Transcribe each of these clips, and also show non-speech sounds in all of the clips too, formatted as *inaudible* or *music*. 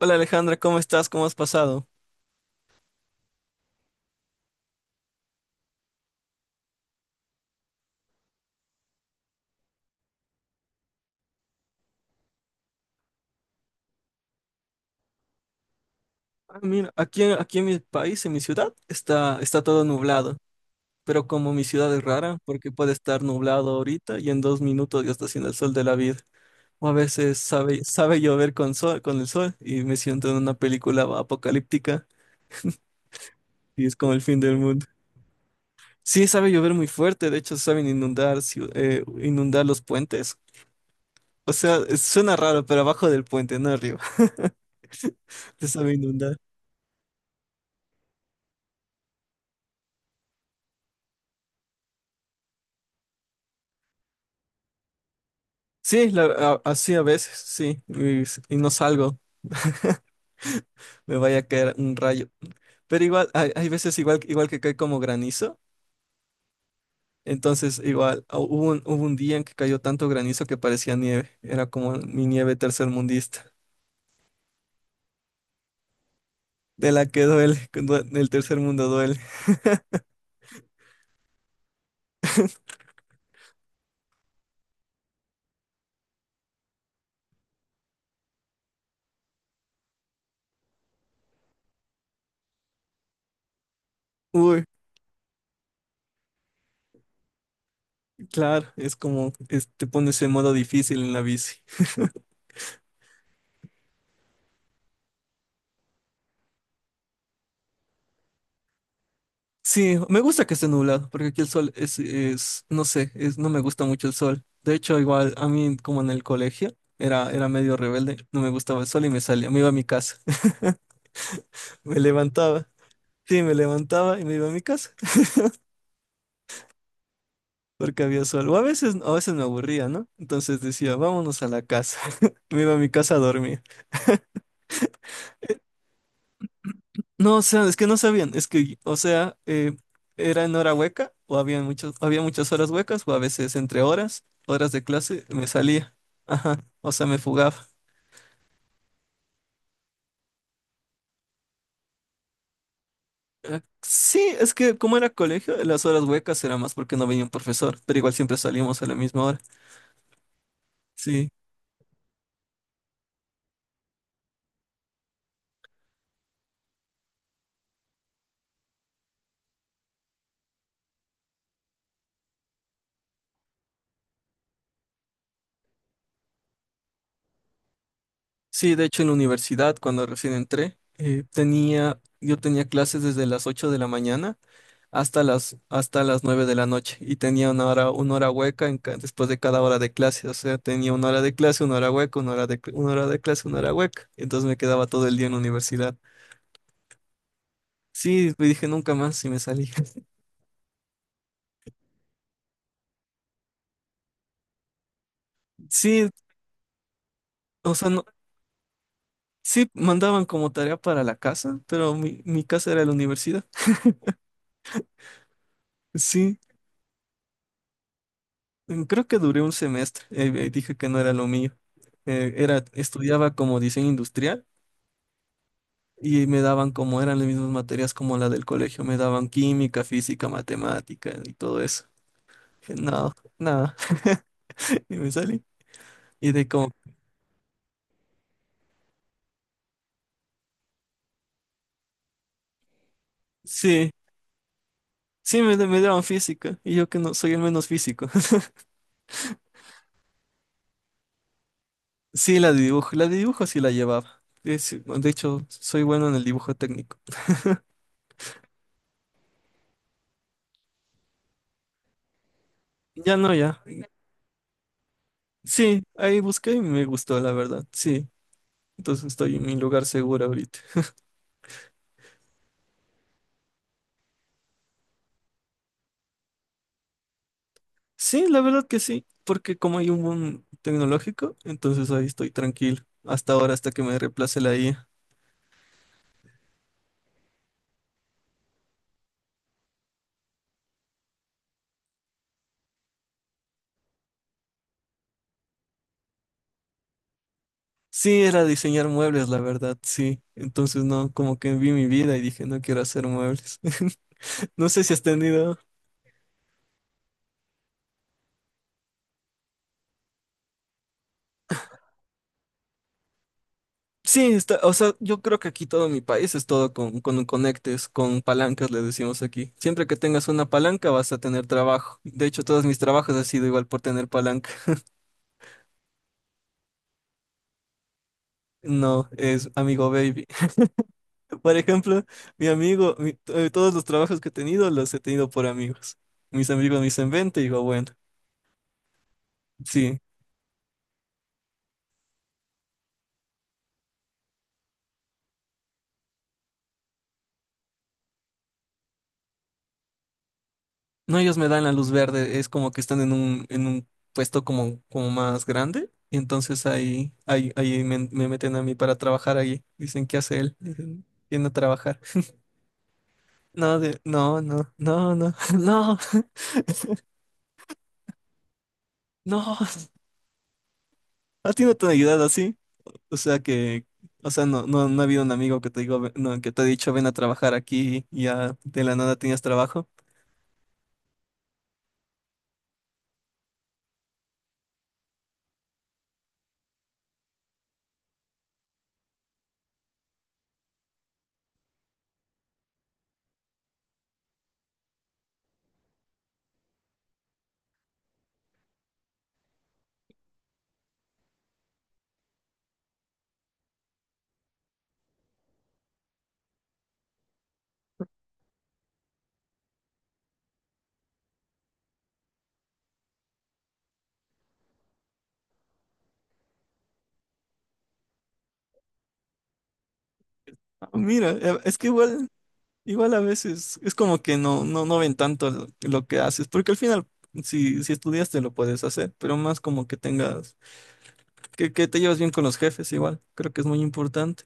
Hola Alejandra, ¿cómo estás? ¿Cómo has pasado? Ah, mira, aquí, aquí en mi país, en mi ciudad, está todo nublado, pero como mi ciudad es rara, porque puede estar nublado ahorita y en 2 minutos ya está haciendo el sol de la vida. O a veces sabe llover con sol, con el sol y me siento en una película apocalíptica y es como el fin del mundo. Sí, sabe llover muy fuerte, de hecho saben inundar, inundar los puentes. O sea, suena raro, pero abajo del puente, no arriba. *laughs* Te sabe inundar. Sí, así a veces, sí, y no salgo, me vaya a caer un rayo. Pero igual, hay veces igual, igual que cae como granizo, entonces igual, hubo un día en que cayó tanto granizo que parecía nieve, era como mi nieve tercermundista, de la que duele, el tercer mundo duele. Uy, claro, te pones en modo difícil en la bici. *laughs* Sí, me gusta que esté nublado, porque aquí el sol no sé, no me gusta mucho el sol. De hecho, igual a mí, como en el colegio, era medio rebelde, no me gustaba el sol y me salía, me iba a mi casa. *laughs* Me levantaba, sí, me levantaba y me iba a mi casa, *laughs* porque había sol. O a veces me aburría, ¿no? Entonces decía, vámonos a la casa. *laughs* Me iba a mi casa a dormir. No, o sea, es que no sabían, es que, o sea, era en hora hueca, o había muchas horas huecas, o a veces entre horas de clase, me salía. Ajá, o sea, me fugaba. Sí, es que como era colegio, las horas huecas era más porque no venía un profesor, pero igual siempre salíamos a la misma hora. Sí, sí, de hecho en la universidad, cuando recién entré, yo tenía clases desde las 8 de la mañana hasta las 9 de la noche y tenía una hora hueca después de cada hora de clase, o sea, tenía una hora de clase, una hora hueca, una hora de clase, una hora hueca, entonces me quedaba todo el día en la universidad. Sí, me dije nunca más y me salí. *laughs* Sí, o sea, no, sí mandaban como tarea para la casa, pero mi casa era la universidad. Sí, creo que duré un semestre, dije que no era lo mío. Estudiaba como diseño industrial. Y me daban como eran las mismas materias como la del colegio, me daban química, física, matemática y todo eso. Dije, no, nada. *laughs* Y me salí. Y de como, sí, sí, me daban física. Y yo que no soy el menos físico. *laughs* Sí, la de dibujo sí la llevaba. De hecho, soy bueno en el dibujo técnico. Ya no, ya. Sí, ahí busqué y me gustó, la verdad. Sí, entonces estoy en mi lugar seguro ahorita. Sí, la verdad que sí, porque como hay un boom tecnológico, entonces ahí estoy tranquilo, hasta ahora, hasta que me reemplace la IA. Sí, era diseñar muebles, la verdad, sí. Entonces no, como que vi mi vida y dije, no quiero hacer muebles. *laughs* No sé si has tenido. Sí, está, o sea, yo creo que aquí todo mi país es todo con, conectes, con palancas, le decimos aquí. Siempre que tengas una palanca vas a tener trabajo. De hecho, todos mis trabajos han sido igual por tener palanca. No, es amigo baby. Por ejemplo, todos los trabajos que he tenido los he tenido por amigos. Mis amigos me dicen, vente, y digo, bueno, sí. No, ellos me dan la luz verde, es como que están en un, puesto como más grande, y entonces ahí me meten a mí para trabajar ahí. Dicen, ¿qué hace él? Dicen, viene a trabajar. No, no, no, no, no, *laughs* no, no. ¿A ti no te han ayudado así? O sea que, o sea, no ha habido un amigo que te digo, "Ve- no, que te ha dicho ven a trabajar aquí y ya de la nada tenías trabajo. Ah, mira, es que igual a veces es como que no ven tanto lo que haces, porque al final si estudiaste lo puedes hacer, pero más como que tengas, que te llevas bien con los jefes igual, creo que es muy importante.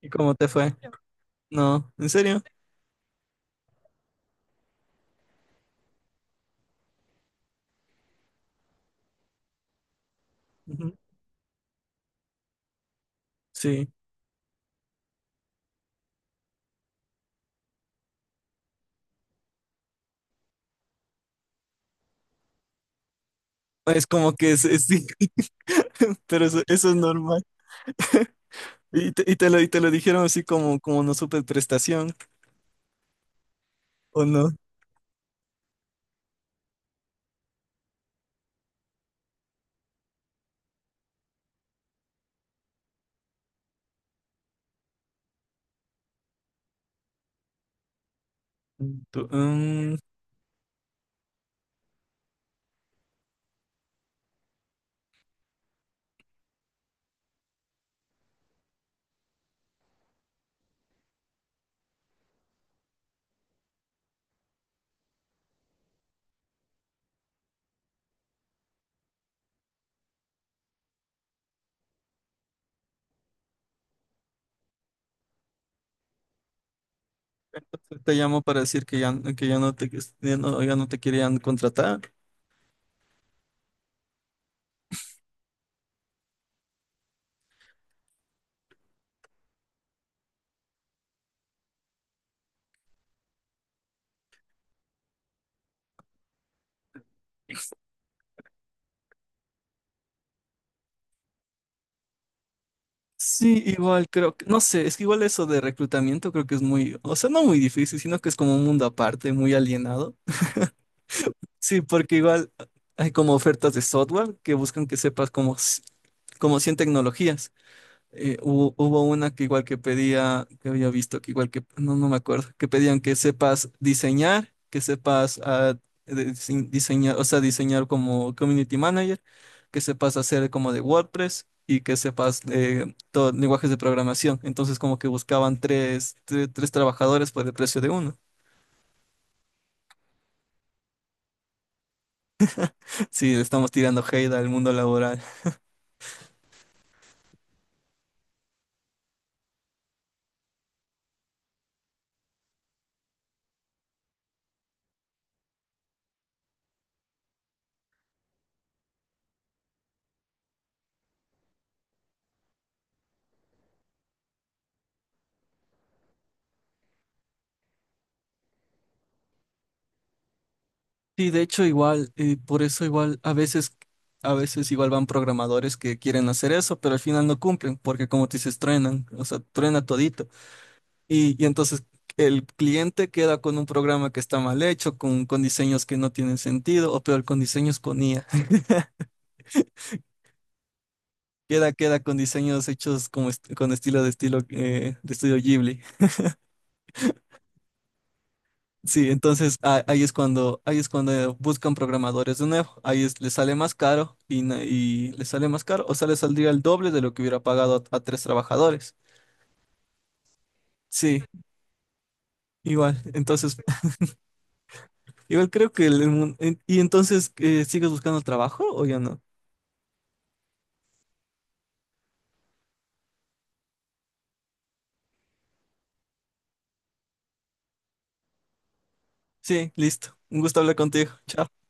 ¿Y cómo te fue? No, ¿en serio? Ujú. Sí. Es como que es, sí, *laughs* pero eso es normal. Y te lo dijeron así como no supe prestación. O no. Tú, mm, te llamo para decir que ya no te, que ya no, ya no te querían contratar. Sí, igual creo que, no sé, es que igual eso de reclutamiento creo que es muy, o sea, no muy difícil, sino que es como un mundo aparte, muy alienado. Sí, porque igual hay como ofertas de software que buscan que sepas como 100 tecnologías. Hubo una que igual que pedía, que había visto, no me acuerdo, que pedían que sepas diseñar, que sepas diseñar, o sea, diseñar como community manager, que sepas hacer como de WordPress y que sepas lenguajes de programación. Entonces como que buscaban tres trabajadores por el precio de uno. *laughs* Sí, le estamos tirando hate al mundo laboral. Sí, de hecho igual, por eso igual a veces igual van programadores que quieren hacer eso, pero al final no cumplen, porque como te dices, truenan, o sea, truena todito. Y entonces el cliente queda con un programa que está mal hecho, con, diseños que no tienen sentido, o peor, con diseños con IA. *laughs* Queda con diseños hechos con estilo de estudio Ghibli. Sí, entonces ahí es cuando buscan programadores de nuevo. Les sale más caro y les sale más caro, o sea, les saldría el doble de lo que hubiera pagado a, tres trabajadores. Sí, igual. Entonces, *laughs* igual creo que y entonces ¿sigues buscando trabajo o ya no? Sí, listo. Un gusto hablar contigo. Chao.